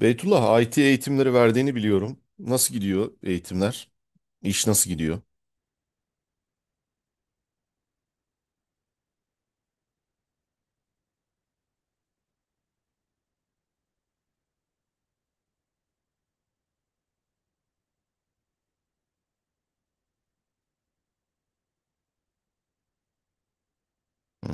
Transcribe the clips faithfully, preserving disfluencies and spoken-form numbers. Beytullah, I T eğitimleri verdiğini biliyorum. Nasıl gidiyor eğitimler? İş nasıl gidiyor? Hı.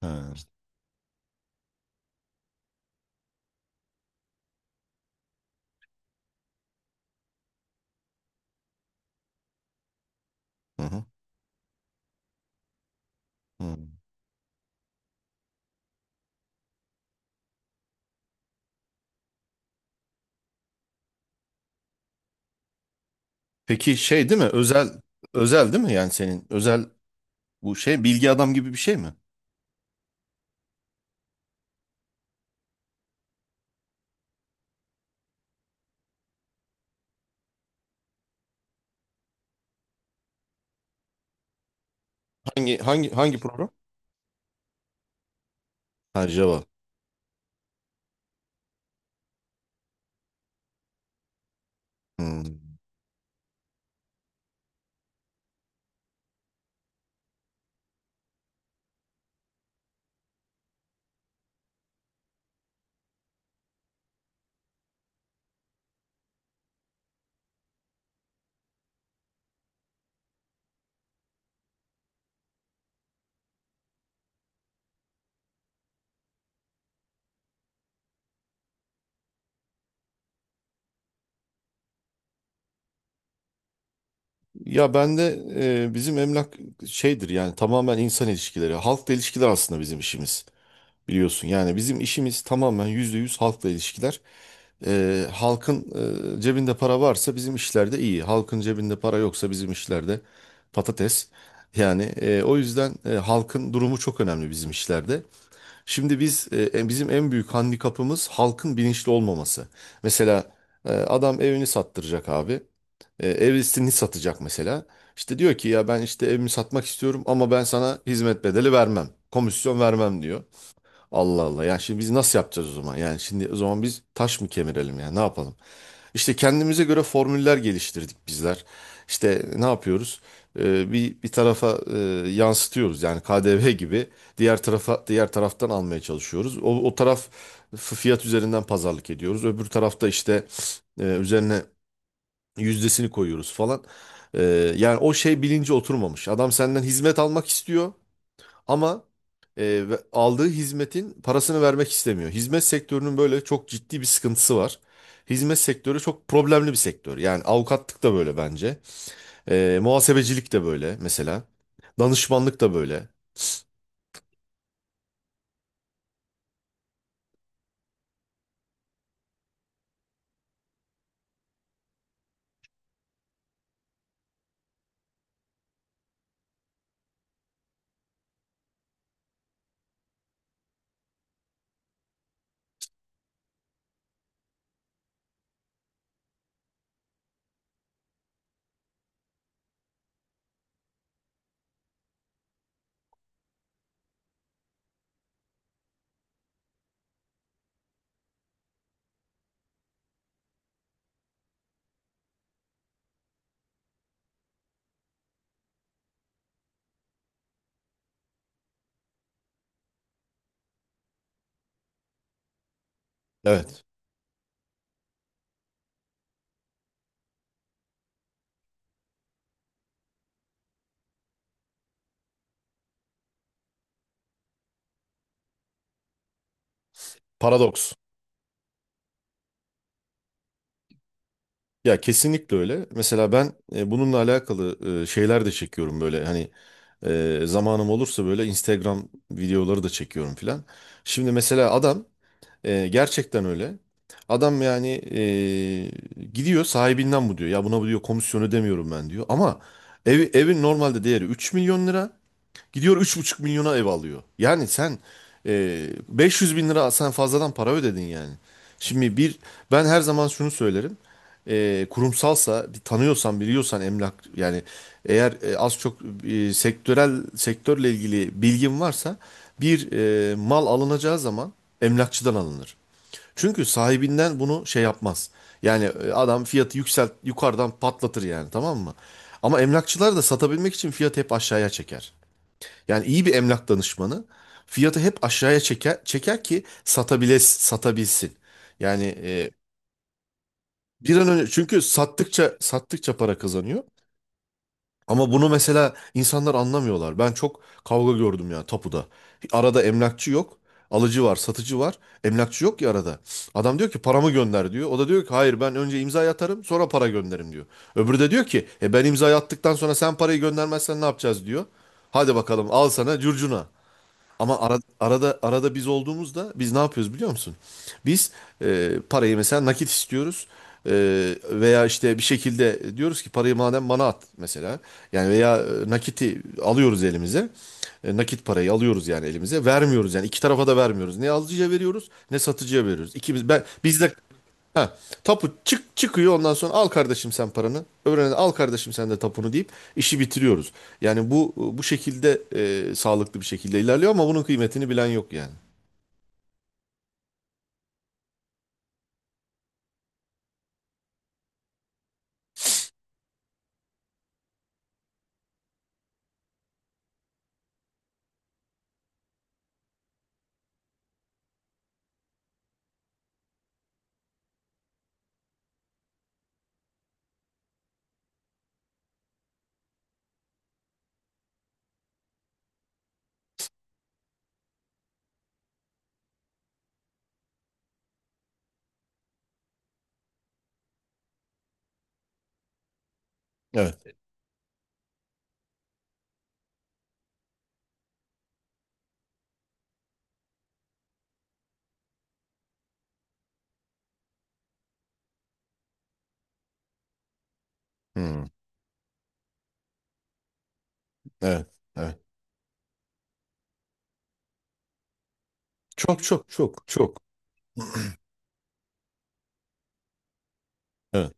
Ha. Hı hı. Hı. Peki şey değil mi? Özel özel değil mi? Yani senin özel bu şey bilgi adam gibi bir şey mi? Hangi hangi hangi program? Ha, Java. Hı. Ya ben de e, bizim emlak şeydir yani tamamen insan ilişkileri, halkla ilişkiler aslında bizim işimiz. Biliyorsun yani bizim işimiz tamamen yüzde yüz halkla ilişkiler. Ee, halkın e, cebinde para varsa bizim işlerde iyi. Halkın cebinde para yoksa bizim işlerde patates. Yani e, o yüzden e, halkın durumu çok önemli bizim işlerde. Şimdi biz e, e, bizim en büyük handikapımız halkın bilinçli olmaması. Mesela e, adam evini sattıracak abi. E, evlisini satacak mesela. İşte diyor ki ya ben işte evimi satmak istiyorum ama ben sana hizmet bedeli vermem. Komisyon vermem diyor. Allah Allah. Ya şimdi biz nasıl yapacağız o zaman? Yani şimdi o zaman biz taş mı kemirelim ya? Ne yapalım? İşte kendimize göre formüller geliştirdik bizler. İşte ne yapıyoruz? Ee, bir bir tarafa e, yansıtıyoruz. Yani K D V gibi diğer tarafa diğer taraftan almaya çalışıyoruz. O, o taraf f- fiyat üzerinden pazarlık ediyoruz. Öbür tarafta işte e, üzerine yüzdesini koyuyoruz falan. Ee, Yani o şey bilinci oturmamış. Adam senden hizmet almak istiyor. Ama e, ve- aldığı hizmetin parasını vermek istemiyor. Hizmet sektörünün böyle çok ciddi bir sıkıntısı var. Hizmet sektörü çok problemli bir sektör. Yani avukatlık da böyle bence. E, muhasebecilik de böyle mesela. Danışmanlık da böyle. Evet. Paradoks. Ya kesinlikle öyle. Mesela ben e, bununla alakalı e, şeyler de çekiyorum böyle. Hani. Ee, zamanım olursa böyle Instagram videoları da çekiyorum filan. Şimdi mesela adam e, gerçekten öyle. Adam yani e, gidiyor sahibinden bu diyor. Ya buna bu diyor komisyon ödemiyorum ben diyor. Ama evi, evin normalde değeri üç milyon lira. Gidiyor üç buçuk milyona ev alıyor. Yani sen e, beş yüz bin lira sen fazladan para ödedin yani. Şimdi bir ben her zaman şunu söylerim. E, kurumsalsa bir tanıyorsan biliyorsan emlak yani eğer e, az çok e, sektörel sektörle ilgili bilgin varsa bir e, mal alınacağı zaman emlakçıdan alınır. Çünkü sahibinden bunu şey yapmaz. Yani e, adam fiyatı yükselt yukarıdan patlatır yani tamam mı? Ama emlakçılar da satabilmek için fiyatı hep aşağıya çeker. Yani iyi bir emlak danışmanı fiyatı hep aşağıya çeker, çeker ki satabiles, satabilsin. Yani e, bir an önce çünkü sattıkça sattıkça para kazanıyor. Ama bunu mesela insanlar anlamıyorlar. Ben çok kavga gördüm ya tapuda. Arada emlakçı yok. Alıcı var, satıcı var. Emlakçı yok ya arada. Adam diyor ki paramı gönder diyor. O da diyor ki hayır ben önce imza atarım sonra para gönderirim diyor. Öbürü de diyor ki e ben imza attıktan sonra sen parayı göndermezsen ne yapacağız diyor. Hadi bakalım al sana curcuna. Ama ara- arada arada biz olduğumuzda biz ne yapıyoruz biliyor musun? Biz e, parayı mesela nakit istiyoruz. E, veya işte bir şekilde diyoruz ki parayı madem bana at mesela. Yani veya e, nakiti alıyoruz elimize. E, nakit parayı alıyoruz yani elimize. Vermiyoruz yani iki tarafa da vermiyoruz. Ne alıcıya veriyoruz ne satıcıya veriyoruz. İkimiz ben biz de. Ha, tapu çık çıkıyor ondan sonra al kardeşim sen paranı. Öbürüne al kardeşim sen de tapunu deyip işi bitiriyoruz. Yani bu bu şekilde e, sağlıklı bir şekilde ilerliyor ama bunun kıymetini bilen yok yani. Evet. Hmm. Evet. Evet. Çok çok çok çok. Evet.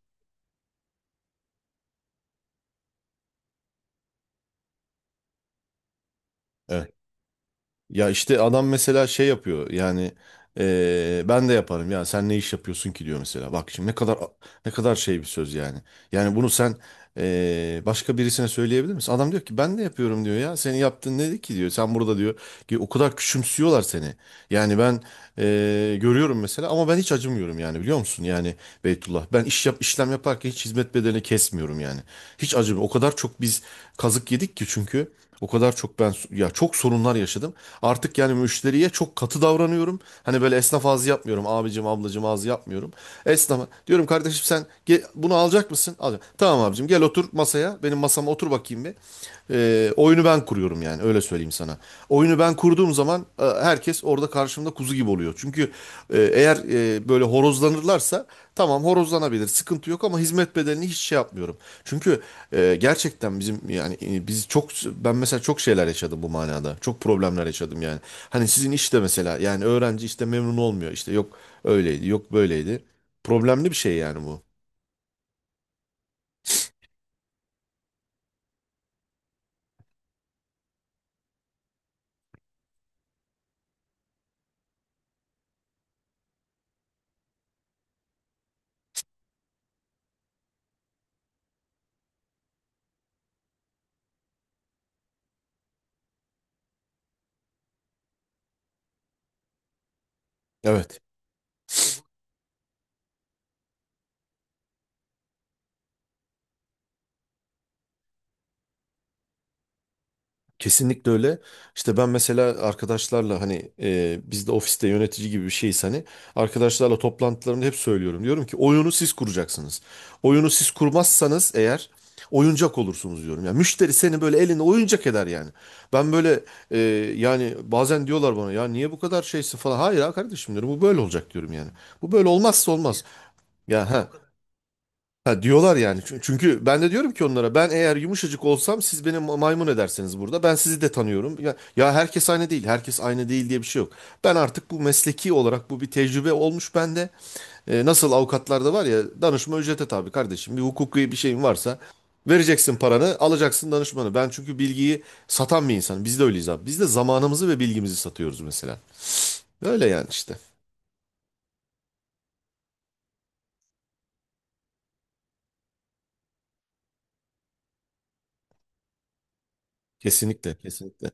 Evet. Ya işte adam mesela şey yapıyor yani eee, ben de yaparım ya sen ne iş yapıyorsun ki diyor mesela. Bak şimdi ne kadar ne kadar şey bir söz yani. Yani bunu sen eee, başka birisine söyleyebilir misin? Adam diyor ki ben de yapıyorum diyor ya senin yaptığın nedir ki diyor. Sen burada diyor ki o kadar küçümsüyorlar seni. Yani ben eee, görüyorum mesela ama ben hiç acımıyorum yani biliyor musun? Yani Beytullah. Ben iş yap, işlem yaparken hiç hizmet bedelini kesmiyorum yani. Hiç acımıyor. O kadar çok biz kazık yedik ki çünkü o kadar çok ben ya çok sorunlar yaşadım. Artık yani müşteriye çok katı davranıyorum. Hani böyle esnaf ağzı yapmıyorum. Abicim ablacım ağzı yapmıyorum. Esnafa diyorum kardeşim sen ge- bunu alacak mısın? Alacağım. Tamam abicim gel otur masaya. Benim masama otur bakayım bir. Ee, oyunu ben kuruyorum yani öyle söyleyeyim sana. Oyunu ben kurduğum zaman e, herkes orada karşımda kuzu gibi oluyor. Çünkü ee, eğer e, böyle horozlanırlarsa tamam horozlanabilir sıkıntı yok ama hizmet bedelini hiç şey yapmıyorum. Çünkü e, gerçekten bizim yani e, biz çok ben mesela çok şeyler yaşadım bu manada. Çok problemler yaşadım yani. Hani sizin işte mesela yani öğrenci işte memnun olmuyor işte yok öyleydi yok böyleydi. Problemli bir şey yani bu. Evet. Kesinlikle öyle. İşte ben mesela arkadaşlarla hani e, biz de ofiste yönetici gibi bir şeyiz hani arkadaşlarla toplantılarımda hep söylüyorum. Diyorum ki oyunu siz kuracaksınız. Oyunu siz kurmazsanız eğer oyuncak olursunuz diyorum. Yani müşteri seni böyle eline oyuncak eder yani. Ben böyle e, yani bazen diyorlar bana ya niye bu kadar şeysin falan. Hayır ha kardeşim diyorum bu böyle olacak diyorum yani. Bu böyle olmazsa olmaz. Ya ha Ha diyorlar yani. Çün- Çünkü ben de diyorum ki onlara ben eğer yumuşacık olsam siz beni ma- maymun edersiniz burada. Ben sizi de tanıyorum. Ya, ya herkes aynı değil. Herkes aynı değil diye bir şey yok. Ben artık bu mesleki olarak bu bir tecrübe olmuş bende. E, nasıl avukatlarda var ya danışma ücrete tabi kardeşim. Bir hukuki bir şeyin varsa vereceksin paranı alacaksın danışmanı. Ben çünkü bilgiyi satan bir insanım. Biz de öyleyiz abi. Biz de zamanımızı ve bilgimizi satıyoruz mesela. Öyle yani işte. Kesinlikle kesinlikle.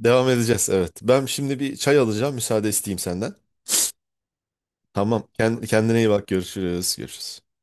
Devam edeceğiz evet. Ben şimdi bir çay alacağım müsaade isteyeyim senden. Tamam. Kend- Kendine iyi bak. Görüşürüz. Görüşürüz.